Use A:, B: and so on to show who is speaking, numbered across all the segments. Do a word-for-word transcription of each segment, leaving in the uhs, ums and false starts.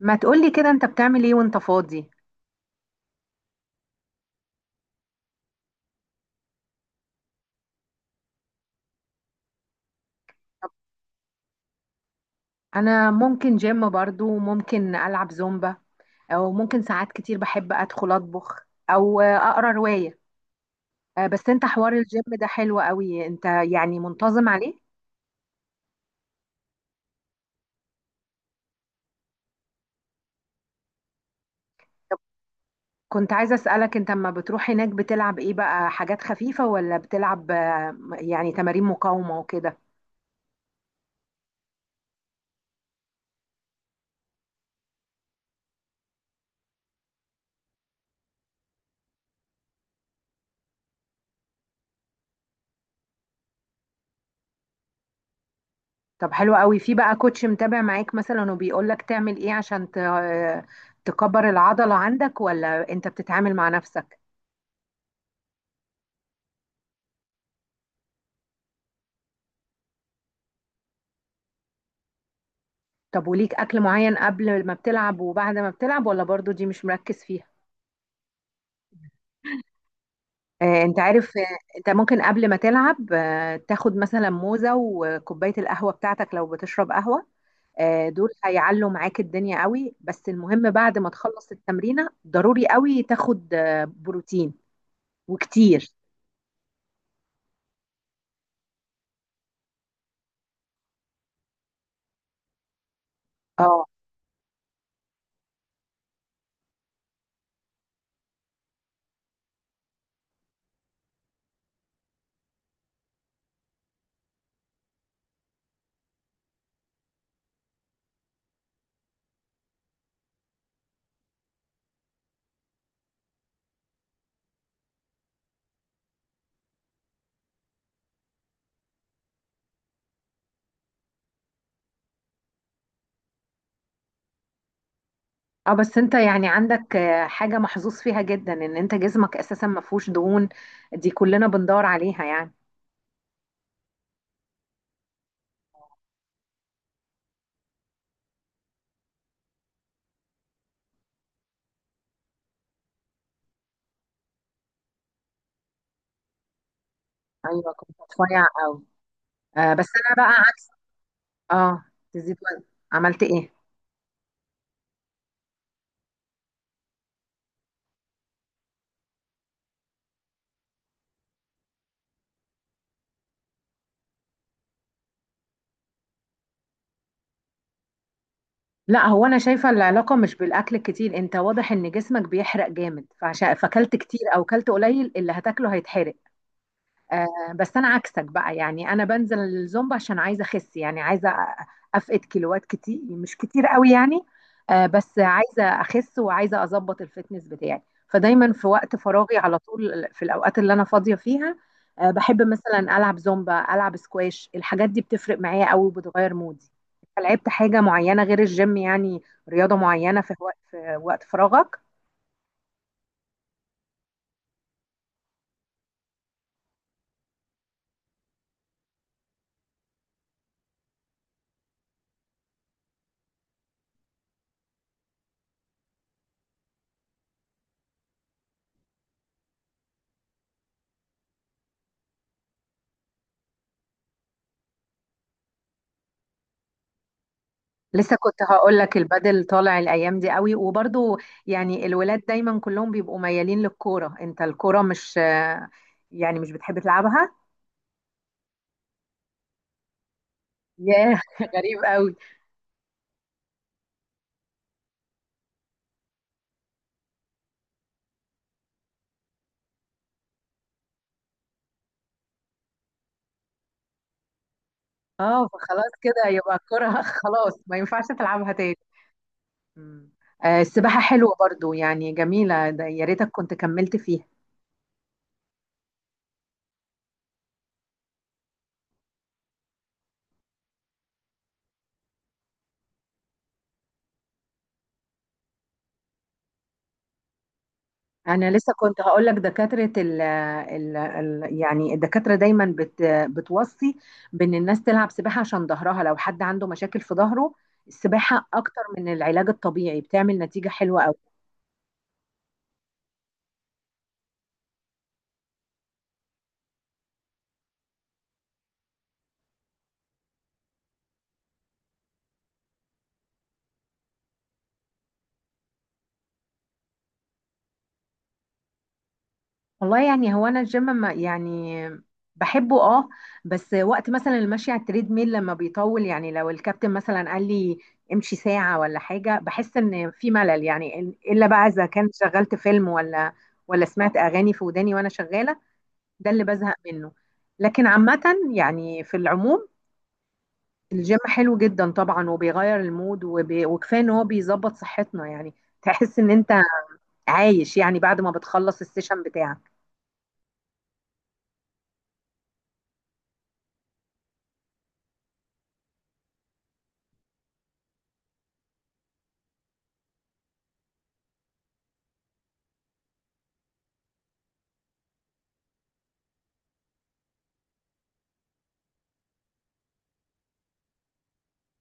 A: ما تقولي كده انت بتعمل ايه وانت فاضي؟ انا ممكن جيم، برضو ممكن العب زومبا، او ممكن ساعات كتير بحب ادخل اطبخ او اقرا رواية. آه، بس انت حوار الجيم ده حلو قوي، انت يعني منتظم عليه؟ طب كنت عايزة اسألك، انت لما بتروح هناك بتلعب ايه بقى، حاجات خفيفة ولا بتلعب آه، يعني تمارين مقاومة وكده؟ طب حلو قوي، في بقى كوتش متابع معاك مثلا وبيقولك تعمل ايه عشان ت- آه، تكبر العضلة عندك، ولا انت بتتعامل مع نفسك؟ طب وليك اكل معين قبل ما بتلعب وبعد ما بتلعب، ولا برضو دي مش مركز فيها؟ آه انت عارف، آه انت ممكن قبل ما تلعب آه تاخد مثلا موزة وكوباية القهوة بتاعتك لو بتشرب قهوة. آه دول هيعلوا معاك الدنيا قوي، بس المهم بعد ما تخلص التمرينة ضروري قوي تاخد آه بروتين وكتير. اه، اه بس انت يعني عندك آه حاجة محظوظ فيها جدا، ان انت جسمك اساسا ما فيهوش دهون، دي كلنا بندور عليها يعني. ايوه كنت رفيع قوي. آه بس انا بقى عكسك. اه تزيد وزن، عملت ايه؟ لا هو انا شايفه العلاقه مش بالاكل الكتير، انت واضح ان جسمك بيحرق جامد، فعشان فاكلت كتير او كلت قليل اللي هتاكله هيتحرق. آه، بس انا عكسك بقى، يعني انا بنزل الزومبا عشان عايزه اخس، يعني عايزه أ- افقد كيلوات كتير، مش كتير قوي يعني. آه، بس عايزه اخس وعايزه اظبط الفتنس بتاعي. فدايما في وقت فراغي على طول، في الاوقات اللي انا فاضيه فيها آه، بحب مثلا العب زومبا، العب سكواش، الحاجات دي بتفرق معايا قوي وبتغير مودي. أنت لعبت حاجه معينه غير الجيم يعني، رياضه معينه في وقت في وقت فراغك؟ لسه كنت هقول لك البادل طالع الايام دي قوي، وبرضو يعني الولاد دايما كلهم بيبقوا ميالين للكوره، انت الكوره مش يعني مش بتحب تلعبها؟ ياه غريب قوي. اه فخلاص كده يبقى الكوره خلاص ما ينفعش تلعبها تاني. مم. آه، السباحه حلوه برضو يعني، جميله، ده يا ريتك كنت كملت فيها. انا لسه كنت هقول لك دكاتره ال ال ال يعني الدكاتره دايما بت بتوصي بان الناس تلعب سباحه عشان ظهرها، لو حد عنده مشاكل في ظهره السباحه اكتر من العلاج الطبيعي بتعمل نتيجه حلوه قوي. والله يعني هو انا الجيم ما يعني بحبه اه، بس وقت مثلا المشي على التريد ميل لما بيطول يعني، لو الكابتن مثلا قال لي امشي ساعه ولا حاجه بحس ان في ملل يعني، الا بقى اذا كنت شغلت فيلم ولا ولا سمعت اغاني في وداني وانا شغاله، ده اللي بزهق منه. لكن عامة يعني في العموم الجيم حلو جدا طبعا وبيغير المود وبي وكفاية ان هو بيظبط صحتنا يعني، تحس ان انت عايش يعني بعد ما بتخلص السيشن بتاعك.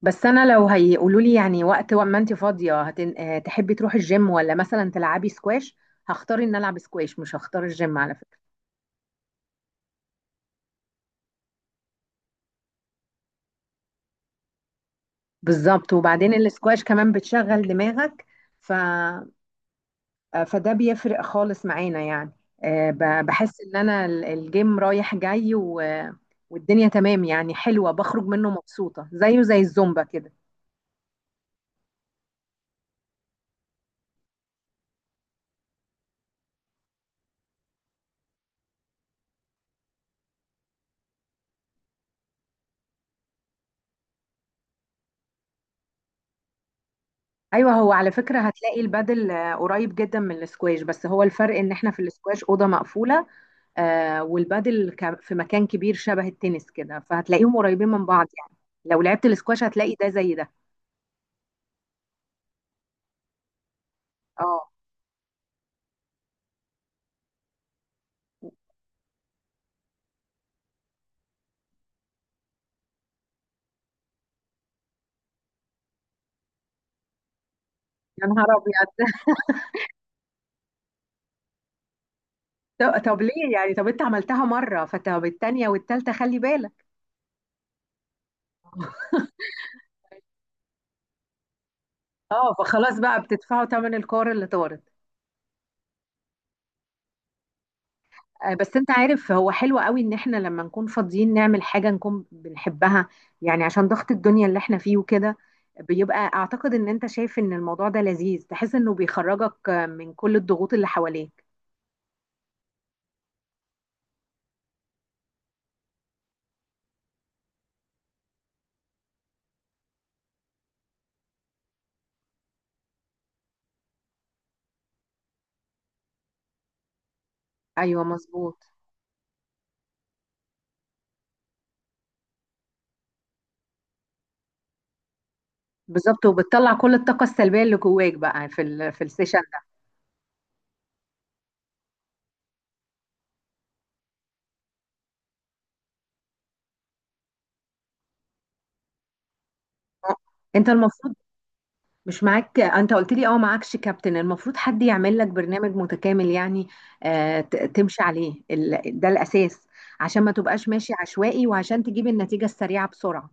A: بس انا لو هيقولوا لي يعني وقت ما انت فاضية هتن... آه، تحبي تروحي الجيم ولا مثلا تلعبي سكواش، هختار ان العب سكواش مش هختار الجيم على فكرة. بالظبط، وبعدين السكواش كمان بتشغل دماغك. ف آه، فده بيفرق خالص معانا يعني. آه، ب- بحس ان انا ال- الجيم رايح جاي و والدنيا تمام يعني، حلوة، بخرج منه مبسوطة زيه زي الزومبا كده. ايوه هو على فكرة هتلاقي البادل آه، قريب جدا من الاسكواش، بس هو الفرق ان احنا في الاسكواش أوضة مقفولة، آه، والبادل ك- في مكان كبير شبه التنس كده، فهتلاقيهم قريبين من بعض يعني. لو لعبت الاسكواش هتلاقي ده زي ده. اه يا نهار ابيض! طب، طب ليه يعني؟ طب انت عملتها مرة، فطب التانية والتالتة خلي بالك. اه فخلاص بقى بتدفعوا تمن الكور اللي طارت. آه، بس انت عارف هو حلو قوي ان احنا لما نكون فاضيين نعمل حاجة نكون بنحبها، يعني عشان ضغط الدنيا اللي احنا فيه وكده، بيبقى اعتقد ان انت شايف ان الموضوع ده لذيذ، تحس انه بيخرجك آه، من كل الضغوط اللي حواليك. ايوه مظبوط. بالظبط، وبتطلع كل الطاقة السلبية اللي جواك بقى في ال في السيشن. ده انت المفروض، مش معاك انت قلت لي اه معاكش كابتن، المفروض حد يعمل لك برنامج متكامل يعني، آه ت- تمشي عليه ال- ده الاساس، عشان ما تبقاش ماشي عشوائي وعشان تجيب النتيجة السريعة بسرعة.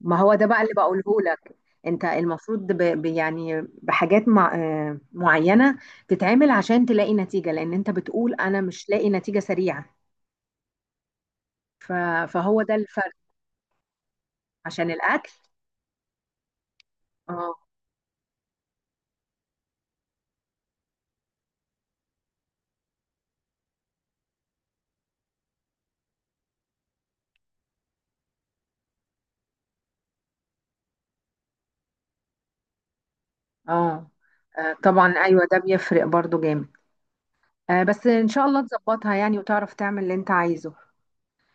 A: ما هو ده بقى اللي بقوله لك، انت المفروض ب ب- يعني بحاجات مع آه معينة تتعمل عشان تلاقي نتيجة، لان انت بتقول انا مش لاقي نتيجة سريعة. ف فهو ده الفرق. عشان الاكل. اه، اه آه، طبعا ايوه ده بيفرق برضو جامد. آه، بس ان شاء الله تظبطها يعني، وتعرف تعمل اللي انت عايزه.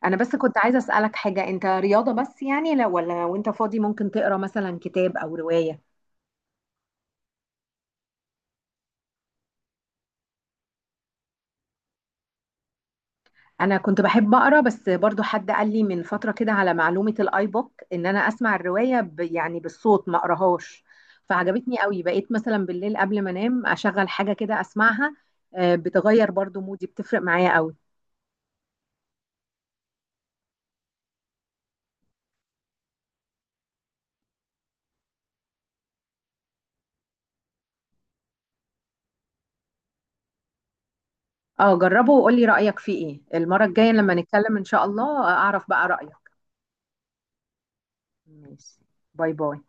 A: انا بس كنت عايزه اسالك حاجه، انت رياضه بس يعني لو ولا وانت فاضي ممكن تقرا مثلا كتاب او روايه؟ انا كنت بحب اقرا، بس برضو حد قال لي من فتره كده على معلومه الاي بوك، ان انا اسمع الروايه ب يعني بالصوت ما اقراهاش، فعجبتني قوي، بقيت مثلا بالليل قبل ما انام اشغل حاجه كده اسمعها. آه، بتغير برضو مودي، بتفرق معايا قوي. اه جربه وقولي رايك فيه ايه المره الجايه لما نتكلم ان شاء الله، آه، اعرف بقى رايك. ماشي. باي باي.